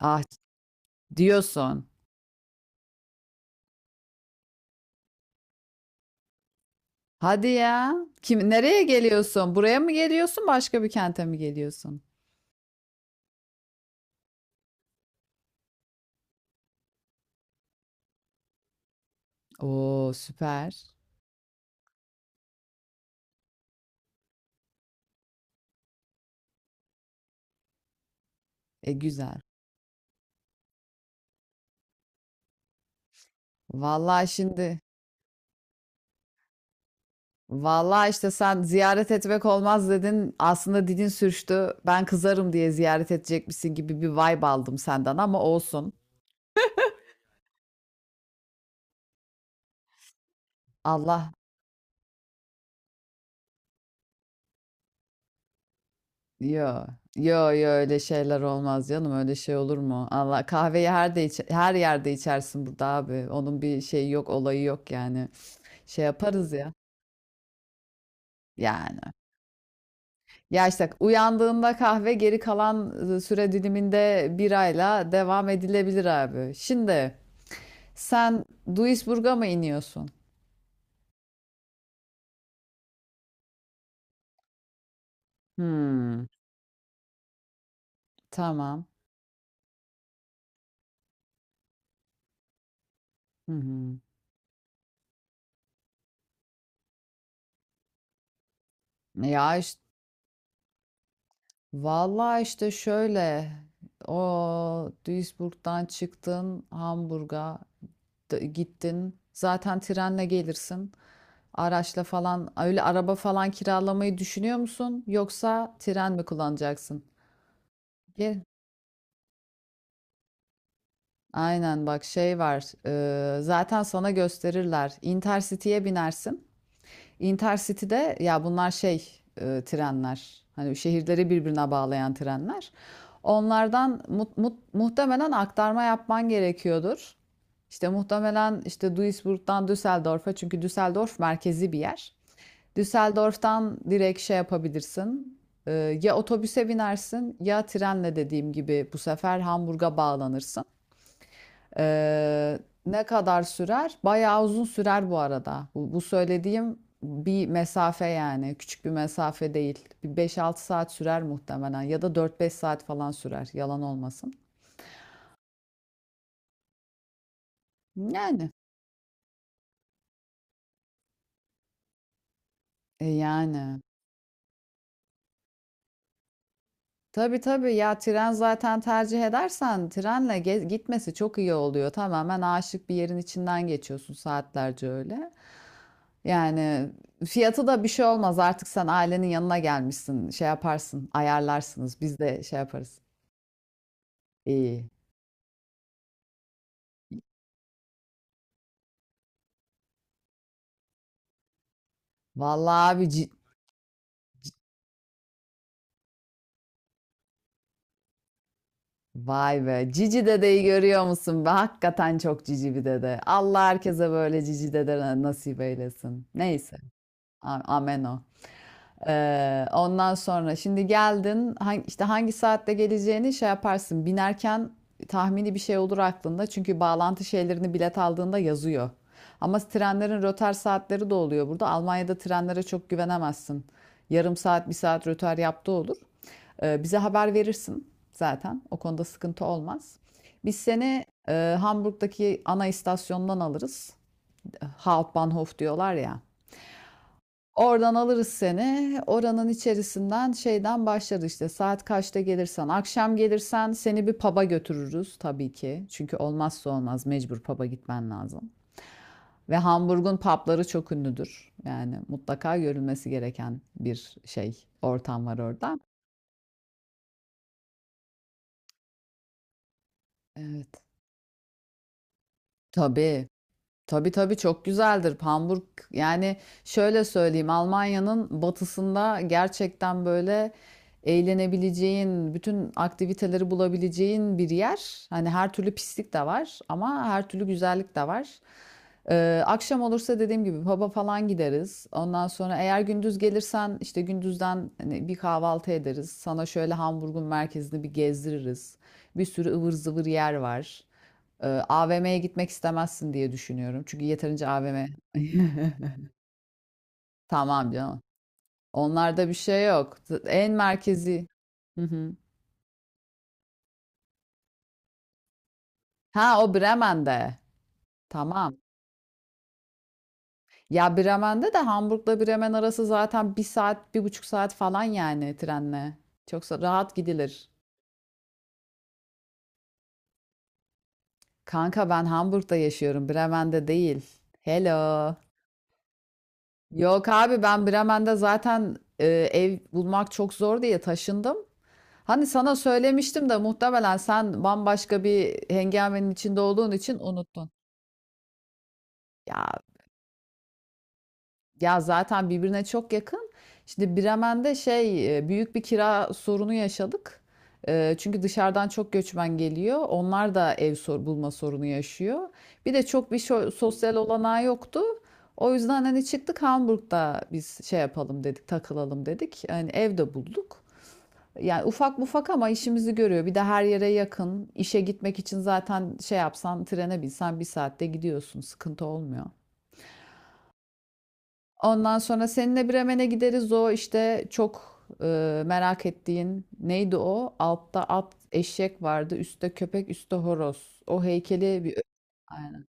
Ah diyorsun. Hadi ya. Kim nereye geliyorsun? Buraya mı geliyorsun? Başka bir kente mi geliyorsun? Oo süper. E güzel. Vallahi şimdi vallahi işte sen ziyaret etmek olmaz dedin. Aslında dilin sürçtü. Ben kızarım diye ziyaret edecekmişsin gibi bir vibe aldım senden ama olsun. Allah yo, yo öyle şeyler olmaz canım, öyle şey olur mu? Allah kahveyi her yerde içersin burada abi. Onun bir şeyi yok, olayı yok yani. Şey yaparız ya. Yani. Ya işte uyandığında kahve, geri kalan süre diliminde birayla devam edilebilir abi. Şimdi sen Duisburg'a mı iniyorsun? Hmm, tamam. Hı hı. Ya işte vallahi işte şöyle o Duisburg'dan çıktın, Hamburg'a gittin, zaten trenle gelirsin. Araçla falan, öyle araba falan kiralamayı düşünüyor musun, yoksa tren mi kullanacaksın? Ge- Aynen, bak şey var, zaten sana gösterirler, Intercity'ye binersin. Intercity'de ya bunlar şey, trenler. Hani şehirleri birbirine bağlayan trenler. Onlardan muhtemelen aktarma yapman gerekiyordur. İşte muhtemelen işte Duisburg'dan Düsseldorf'a, çünkü Düsseldorf merkezi bir yer. Düsseldorf'tan direkt şey yapabilirsin. E, ya otobüse binersin, ya trenle dediğim gibi bu sefer Hamburg'a bağlanırsın. Ee, ne kadar sürer? Bayağı uzun sürer bu arada. Bu söylediğim bir mesafe yani. Küçük bir mesafe değil. Bir 5-6 saat sürer muhtemelen. Ya da 4-5 saat falan sürer. Yalan olmasın. Yani. E yani. Tabii tabii, ya tren zaten, tercih edersen trenle gitmesi çok iyi oluyor. Tamamen aşık bir yerin içinden geçiyorsun saatlerce öyle. Yani fiyatı da bir şey olmaz. Artık sen ailenin yanına gelmişsin. Şey yaparsın, ayarlarsınız. Biz de şey yaparız. İyi. Vallahi abi, vay be. Cici dedeyi görüyor musun be? Hakikaten çok cici bir dede. Allah herkese böyle cici dede nasip eylesin. Neyse. Amen o. Ondan sonra şimdi geldin, işte hangi saatte geleceğini şey yaparsın binerken, tahmini bir şey olur aklında çünkü bağlantı şeylerini bilet aldığında yazıyor. Ama trenlerin rötar saatleri de oluyor burada. Almanya'da trenlere çok güvenemezsin. Yarım saat, bir saat rötar yaptığı olur. Bize haber verirsin zaten. O konuda sıkıntı olmaz. Biz seni Hamburg'daki ana istasyondan alırız. Hauptbahnhof diyorlar ya. Oradan alırız seni. Oranın içerisinden şeyden başlarız işte. Saat kaçta gelirsen, akşam gelirsen seni bir pub'a götürürüz tabii ki. Çünkü olmazsa olmaz, mecbur pub'a gitmen lazım. Ve Hamburg'un pub'ları çok ünlüdür. Yani mutlaka görülmesi gereken bir şey, ortam var orada. Evet. Tabii. Tabii tabii çok güzeldir. Hamburg yani şöyle söyleyeyim, Almanya'nın batısında gerçekten böyle eğlenebileceğin, bütün aktiviteleri bulabileceğin bir yer. Hani her türlü pislik de var ama her türlü güzellik de var. Akşam olursa dediğim gibi pub'a falan gideriz. Ondan sonra eğer gündüz gelirsen işte gündüzden hani bir kahvaltı ederiz. Sana şöyle Hamburg'un merkezini bir gezdiririz. Bir sürü ıvır zıvır yer var. AVM'ye gitmek istemezsin diye düşünüyorum. Çünkü yeterince AVM. Tamam canım. Onlarda bir şey yok. En merkezi. Hı hı. Ha, o Bremen'de. Tamam. Ya Bremen'de de Hamburg'la Bremen arası zaten bir saat, bir buçuk saat falan, yani trenle. Çok rahat gidilir. Kanka ben Hamburg'da yaşıyorum, Bremen'de değil. Hello. Yok abi, ben Bremen'de zaten ev bulmak çok zor diye taşındım. Hani sana söylemiştim de muhtemelen sen bambaşka bir hengamenin içinde olduğun için unuttun. Ya, ya zaten birbirine çok yakın. Şimdi Bremen'de şey, büyük bir kira sorunu yaşadık. Çünkü dışarıdan çok göçmen geliyor. Onlar da ev bulma sorunu yaşıyor. Bir de çok bir sosyal olanağı yoktu. O yüzden hani çıktık, Hamburg'da biz şey yapalım dedik, takılalım dedik. Hani evde bulduk. Yani ufak mufak ama işimizi görüyor. Bir de her yere yakın. İşe gitmek için zaten şey yapsan, trene binsen bir saatte gidiyorsun. Sıkıntı olmuyor. Ondan sonra seninle Bremen'e gideriz. O işte çok merak ettiğin neydi o? Altta at, eşek vardı. Üstte köpek, üstte horoz. O heykeli bir... Aynen.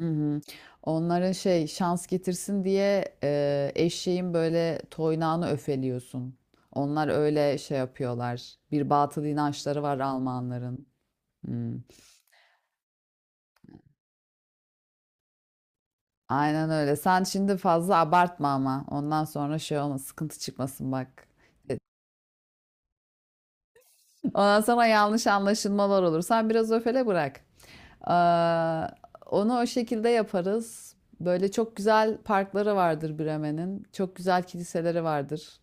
Hı hı. Onlara şey, şans getirsin diye eşeğin böyle toynağını öfeliyorsun. Onlar öyle şey yapıyorlar. Bir batıl inançları var Almanların. Hmm. Aynen öyle. Sen şimdi fazla abartma ama. Ondan sonra şey olma, sıkıntı çıkmasın bak. E, Ondan sonra yanlış anlaşılmalar olur. Sen biraz öfele, bırak. Ee, onu o şekilde yaparız. Böyle çok güzel parkları vardır Bremen'in. Çok güzel kiliseleri vardır.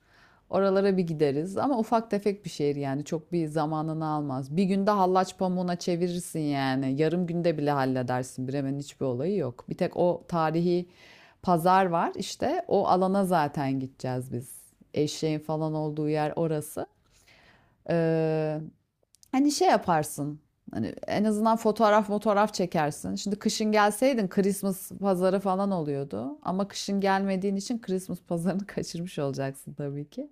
Oralara bir gideriz. Ama ufak tefek bir şehir yani. Çok bir zamanını almaz. Bir günde hallaç pamuğuna çevirirsin yani. Yarım günde bile halledersin. Bremen'in hiçbir olayı yok. Bir tek o tarihi pazar var işte. O alana zaten gideceğiz biz. Eşeğin falan olduğu yer orası. Ee, Hani şey yaparsın. Hani en azından fotoğraf çekersin. Şimdi kışın gelseydin Christmas pazarı falan oluyordu. Ama kışın gelmediğin için Christmas pazarını kaçırmış olacaksın tabii ki.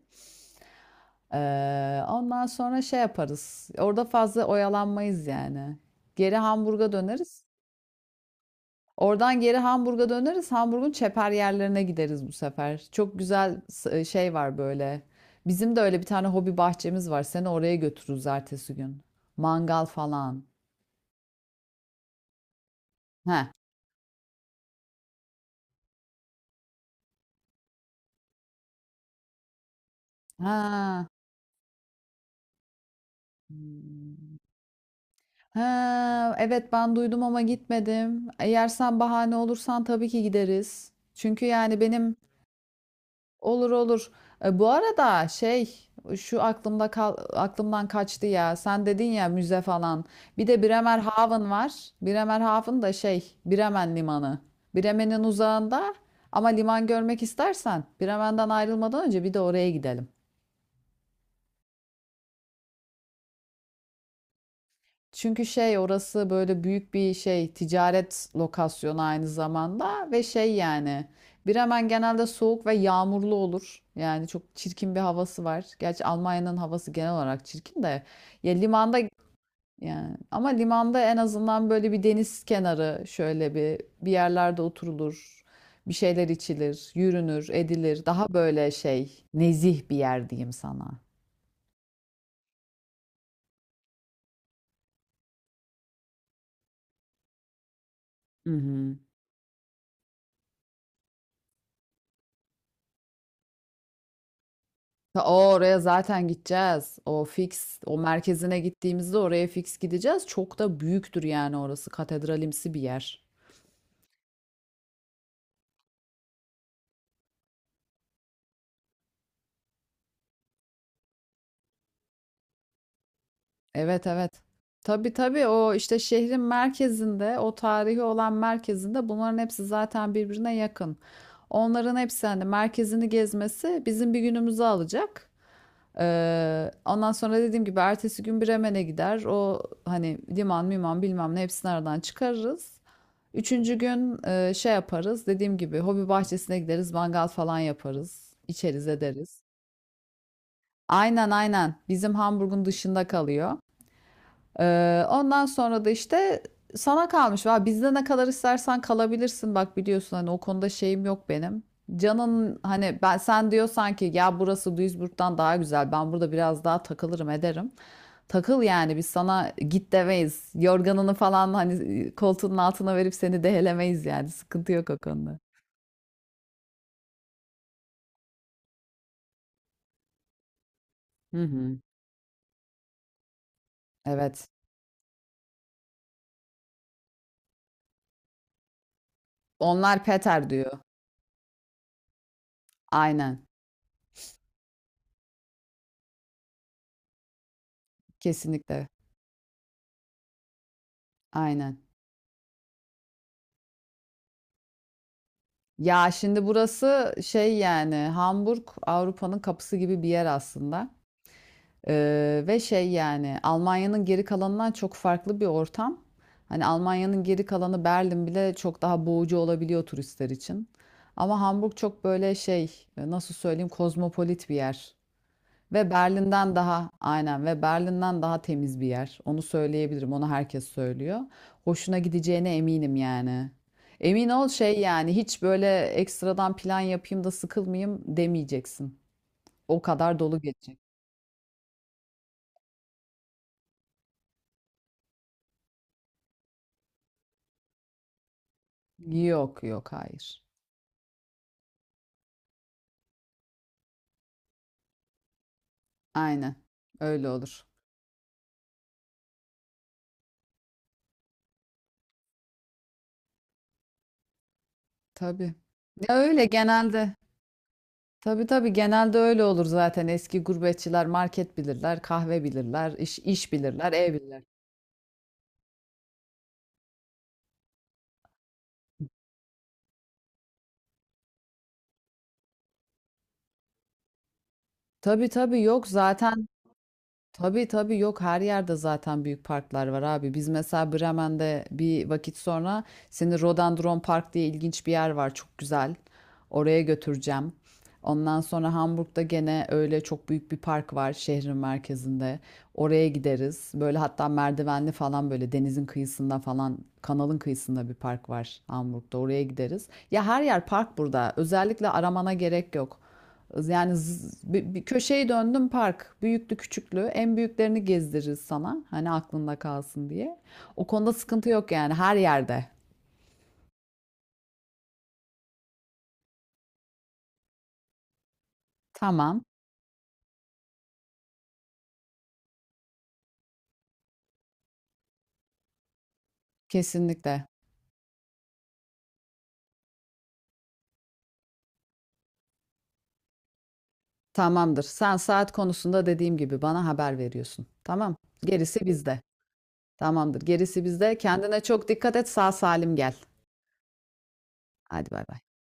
Ondan sonra şey yaparız. Orada fazla oyalanmayız yani. Geri Hamburg'a döneriz. Oradan geri Hamburg'a döneriz. Hamburg'un çeper yerlerine gideriz bu sefer. Çok güzel şey var böyle. Bizim de öyle bir tane hobi bahçemiz var. Seni oraya götürürüz ertesi gün. Mangal falan. Heh. Ha. Hımm. Ha, evet ben duydum ama gitmedim. Eğer sen bahane olursan tabii ki gideriz. Çünkü yani benim olur olur. E, bu arada şey, şu aklımdan kaçtı ya. Sen dedin ya müze falan. Bir de Bremerhaven var. Bremerhaven da şey, Bremen limanı. Bremen'in uzağında ama liman görmek istersen, Bremen'den ayrılmadan önce bir de oraya gidelim. Çünkü şey, orası böyle büyük bir şey ticaret lokasyonu aynı zamanda ve şey yani Bremen genelde soğuk ve yağmurlu olur. Yani çok çirkin bir havası var. Gerçi Almanya'nın havası genel olarak çirkin de, ya limanda, yani ama limanda en azından böyle bir deniz kenarı, şöyle bir yerlerde oturulur. Bir şeyler içilir, yürünür, edilir. Daha böyle şey, nezih bir yer diyeyim sana. Hı hı. O oraya zaten gideceğiz. O fix, o merkezine gittiğimizde oraya fix gideceğiz. Çok da büyüktür yani orası. Katedralimsi bir yer. Evet evet. Tabii tabii, o işte şehrin merkezinde, o tarihi olan merkezinde bunların hepsi zaten birbirine yakın. Onların hepsi, hani merkezini gezmesi bizim bir günümüzü alacak. Ondan sonra dediğim gibi ertesi gün Bremen'e gider. O hani liman, miman bilmem ne hepsini aradan çıkarırız. Üçüncü gün şey yaparız. Dediğim gibi hobi bahçesine gideriz. Mangal falan yaparız. İçeriz ederiz. Aynen aynen. Bizim Hamburg'un dışında kalıyor. Ondan sonra da işte sana kalmış. Va bizde ne kadar istersen kalabilirsin. Bak biliyorsun hani o konuda şeyim yok benim. Canın hani ben sen diyor sanki ya, burası Duisburg'dan daha güzel. Ben burada biraz daha takılırım ederim. Takıl yani, biz sana git demeyiz. Yorganını falan hani koltuğunun altına verip seni dehelemeyiz yani. Sıkıntı yok o konuda. Hı hı. Evet. Onlar Peter diyor. Aynen. Kesinlikle. Aynen. Ya şimdi burası şey yani, Hamburg Avrupa'nın kapısı gibi bir yer aslında. Ve şey yani Almanya'nın geri kalanından çok farklı bir ortam. Hani Almanya'nın geri kalanı, Berlin bile çok daha boğucu olabiliyor turistler için. Ama Hamburg çok böyle şey, nasıl söyleyeyim, kozmopolit bir yer. Ve Berlin'den daha aynen, ve Berlin'den daha temiz bir yer. Onu söyleyebilirim. Onu herkes söylüyor. Hoşuna gideceğine eminim yani. Emin ol şey yani, hiç böyle ekstradan plan yapayım da sıkılmayayım demeyeceksin. O kadar dolu geçecek. Yok yok, hayır. Aynen. Öyle olur. Tabii. Ya öyle genelde. Tabii tabii genelde öyle olur zaten. Eski gurbetçiler market bilirler, kahve bilirler, iş bilirler, ev bilirler. Tabii tabii yok zaten Tabii tabii yok, her yerde zaten büyük parklar var abi. Biz mesela Bremen'de bir vakit sonra seni Rhododendron Park diye, ilginç bir yer var çok güzel. Oraya götüreceğim. Ondan sonra Hamburg'da gene öyle çok büyük bir park var şehrin merkezinde. Oraya gideriz. Böyle hatta merdivenli falan, böyle denizin kıyısında falan, kanalın kıyısında bir park var Hamburg'da. Oraya gideriz. Ya her yer park burada. Özellikle aramana gerek yok. Yani bir köşeyi döndüm park. Büyüklü küçüklü. En büyüklerini gezdiririz sana. Hani aklında kalsın diye. O konuda sıkıntı yok yani her yerde. Tamam. Kesinlikle. Tamamdır. Sen saat konusunda dediğim gibi bana haber veriyorsun. Tamam. Gerisi bizde. Tamamdır. Gerisi bizde. Kendine çok dikkat et. Sağ salim gel. Hadi bay bay.